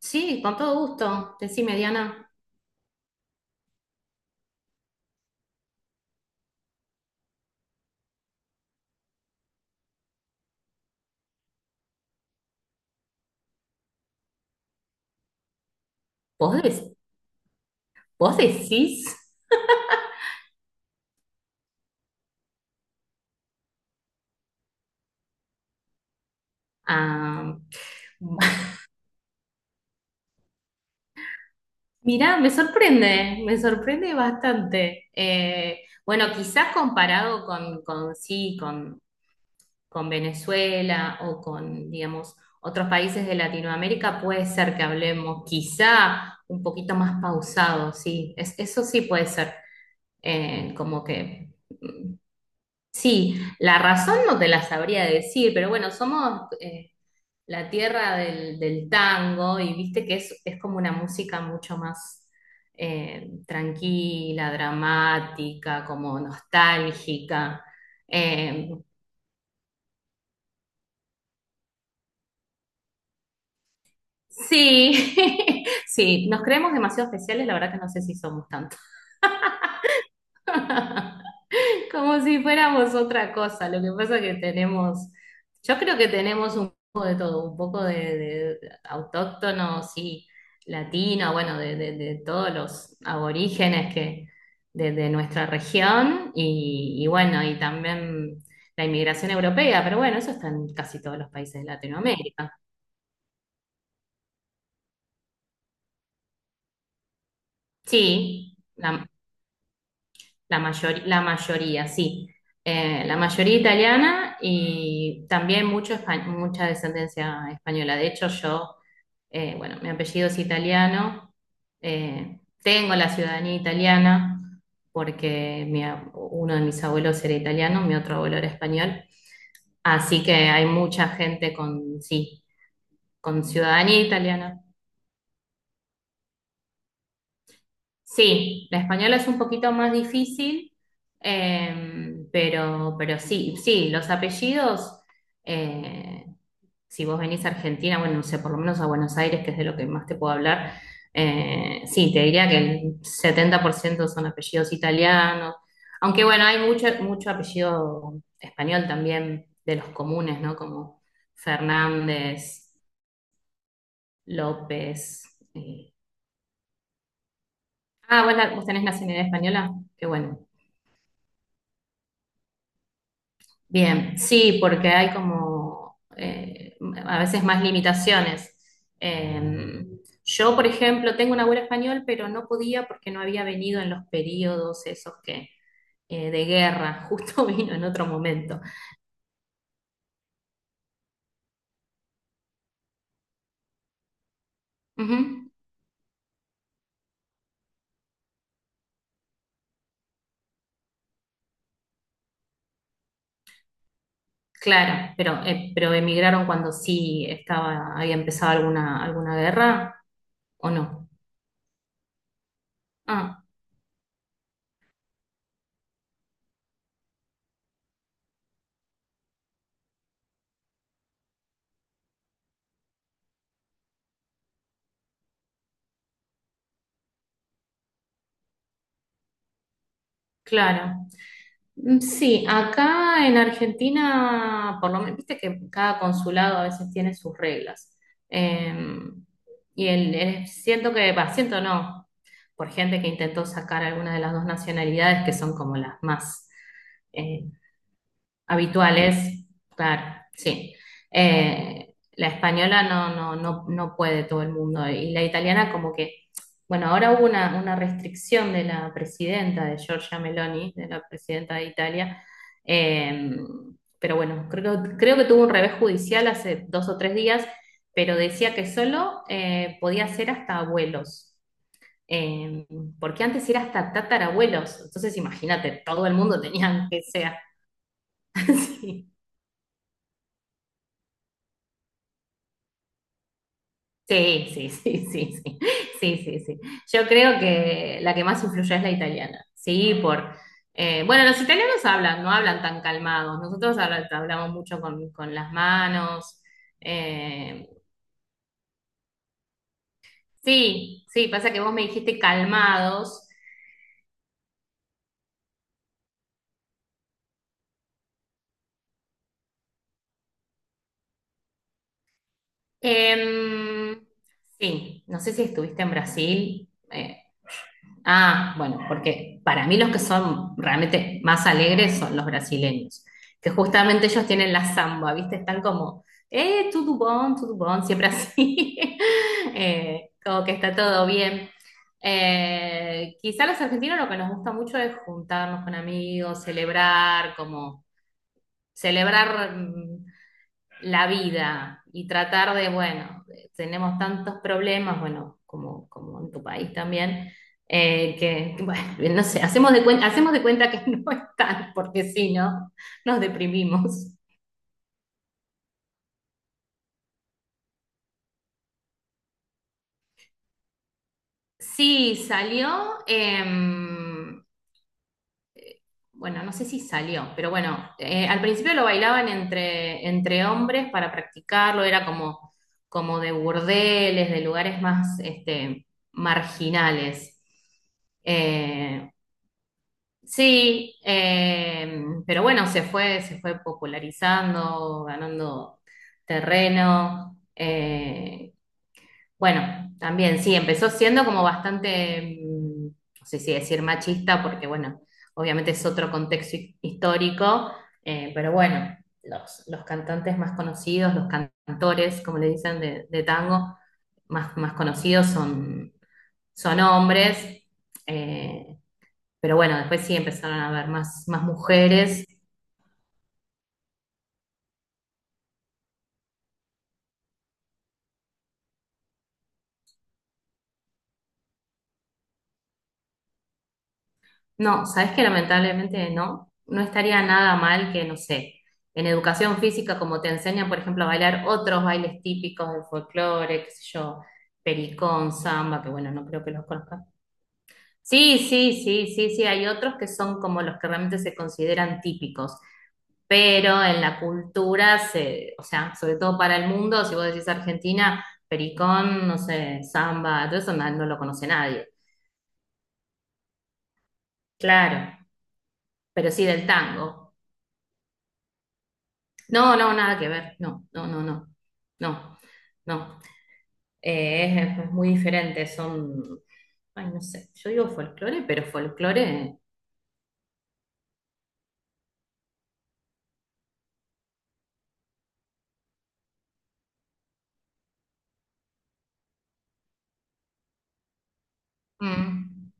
Sí, con todo gusto. Decime, Diana, ¿vos, des- vos decís? Ah, mirá, me sorprende bastante. Bueno, quizás comparado con con, Venezuela o con, digamos, otros países de Latinoamérica, puede ser que hablemos quizá un poquito más pausado, sí, eso sí puede ser. Como que... mm, sí, la razón no te la sabría decir, pero bueno, somos, la tierra del tango y viste que es como una música mucho más tranquila, dramática, como nostálgica. Eh, sí, sí, nos creemos demasiado especiales, la verdad que no sé si somos tanto. Como si fuéramos otra cosa. Lo que pasa que tenemos, yo creo que tenemos un poco de todo, un poco de autóctono, sí, latino, bueno, de todos los aborígenes que de nuestra región y bueno, y también la inmigración europea, pero bueno, eso está en casi todos los países de Latinoamérica. Sí, la- la mayoría, sí. La mayoría italiana y también mucho, mucha descendencia española. De hecho, yo, bueno, mi apellido es italiano, tengo la ciudadanía italiana porque uno de mis abuelos era italiano, mi otro abuelo era español. Así que hay mucha gente con, sí, con ciudadanía italiana. Sí, la española es un poquito más difícil, pero sí, sí, los apellidos, eh, si vos venís a Argentina, bueno, no sé, por lo menos a Buenos Aires, que es de lo que más te puedo hablar, sí, te diría que el 70% son apellidos italianos, aunque bueno, hay mucho, mucho apellido español también de los comunes, ¿no? Como Fernández, López. eh. Ah, ¿vos, vos tenés nacionalidad española? Qué bueno. Bien, sí, porque hay como a veces más limitaciones. Eh, yo, por ejemplo, tengo una abuela español, pero no podía porque no había venido en los periodos esos que de guerra, justo vino en otro momento. Ujú, claro, pero emigraron cuando sí estaba, había empezado alguna, alguna guerra, ¿o no? Ah. Claro. Sí, acá en Argentina, por lo menos, viste que cada consulado a veces tiene sus reglas. Eh, y siento que, va, siento no, por gente que intentó sacar alguna de las dos nacionalidades que son como las más, eh, habituales, claro, sí. La española no, no, no, no puede todo el mundo y la italiana como que, bueno, ahora hubo una restricción de la presidenta de Giorgia Meloni, de la presidenta de Italia, eh, pero bueno, creo, creo que tuvo un revés judicial hace dos o tres días, pero decía que solo podía ser hasta abuelos. eh, Porque antes era hasta tatarabuelos, entonces imagínate, todo el mundo tenía que sea. Sí, sí, sí, sí, sí, sí, sí, sí. Yo creo que la que más influye es la italiana, sí, por... bueno, los italianos hablan, no hablan tan calmados, nosotros hablamos mucho con las manos, eh, sí, sí, pasa que vos me dijiste calmados. Em, sí, no sé si estuviste en Brasil, ah, bueno, porque para mí los que son realmente más alegres son los brasileños, que justamente ellos tienen la samba, ¿viste? Están como, tudo bom, siempre así, como que está todo bien. Quizá los argentinos lo que nos gusta mucho es juntarnos con amigos, celebrar, como celebrar la vida y tratar de, bueno, tenemos tantos problemas, bueno, como, como en tu país también, que, bueno, no sé, hacemos de cuenta que no están, porque si no, nos deprimimos. Sí, salió, bueno, no sé si salió, pero bueno, al principio lo bailaban entre, entre hombres para practicarlo, era como, como de burdeles, de lugares más este, marginales. Eh, Sí, pero bueno, se fue popularizando, ganando terreno. Bueno, también sí, empezó siendo como bastante, no sé si decir machista, porque bueno, obviamente es otro contexto histórico, pero bueno, los cantantes más conocidos, los cantores, como le dicen, de tango, más, más conocidos son, son hombres. eh, pero bueno, después sí empezaron a haber más, más mujeres. No, sabes que lamentablemente no, no estaría nada mal que, no sé, en educación física, como te enseñan, por ejemplo, a bailar otros bailes típicos del folclore, qué sé yo, pericón, samba, que bueno, no creo que los conozcas. Sí, sí, sí, sí, sí, hay otros que son como los que realmente se consideran típicos, pero en la cultura, se, o sea, sobre todo para el mundo, si vos decís Argentina, pericón, no sé, samba, todo eso no no lo conoce nadie. Claro, pero sí del tango. No, no, nada que ver. No, no, no, no. No, no. Es muy diferente. Son, ay, no sé. Yo digo folclore, pero folclore. mm,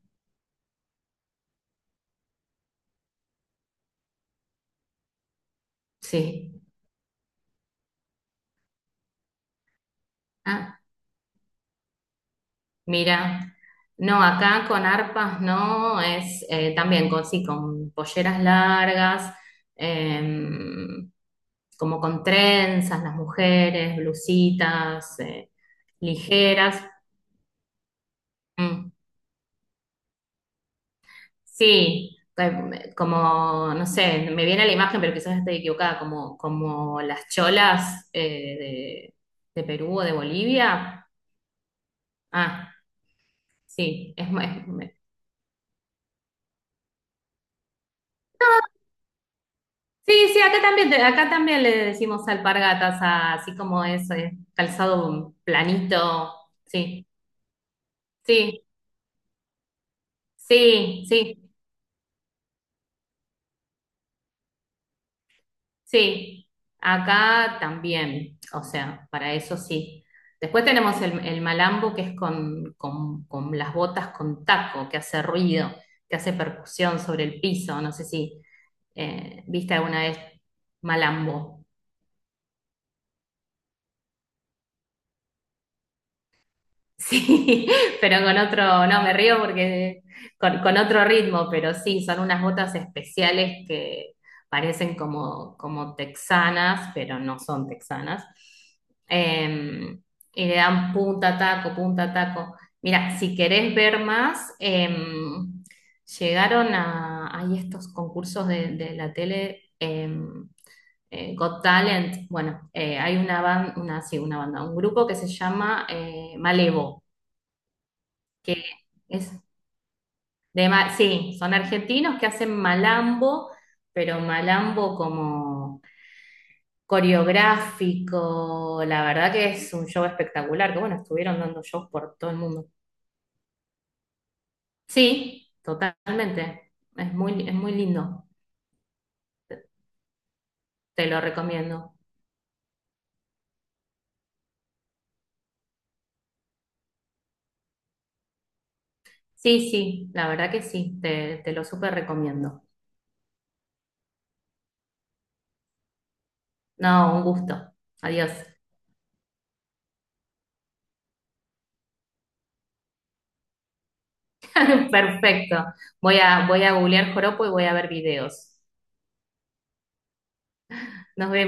sí. Ah, mira. No, acá con arpas no, es también con, sí, con polleras largas, em, como con trenzas, las mujeres, blusitas, ligeras. Mm. Sí, como, no sé, me viene la imagen, pero quizás esté equivocada, como, como las cholas de Perú o de Bolivia. Ah, sí, sí, sí, acá también, acá también le decimos alpargatas, así como es, calzado planito, sí, sí, sí, sí. Sí, acá también, o sea, para eso sí. Después tenemos el malambo, que es con, con las botas con taco, que hace ruido, que hace percusión sobre el piso. No sé si viste alguna vez malambo. Sí, pero con otro, no, me río porque con otro ritmo, pero sí, son unas botas especiales que parecen como, como texanas, pero no son texanas. Eh, y le dan punta, taco, punta, taco. Mira, si querés ver más, llegaron a, hay estos concursos de la tele, Got Talent, bueno, hay una banda, una, sí, una banda, un grupo que se llama Malevo que es de sí, son argentinos que hacen malambo, pero malambo como coreográfico, la verdad que es un show espectacular, que bueno, estuvieron dando shows por todo el mundo. Sí, totalmente, es muy lindo, te lo recomiendo. Sí, sí, la verdad que sí, te lo súper recomiendo. No, un gusto. Adiós. Perfecto. Voy a, voy a googlear joropo y voy a ver videos. Nos vemos.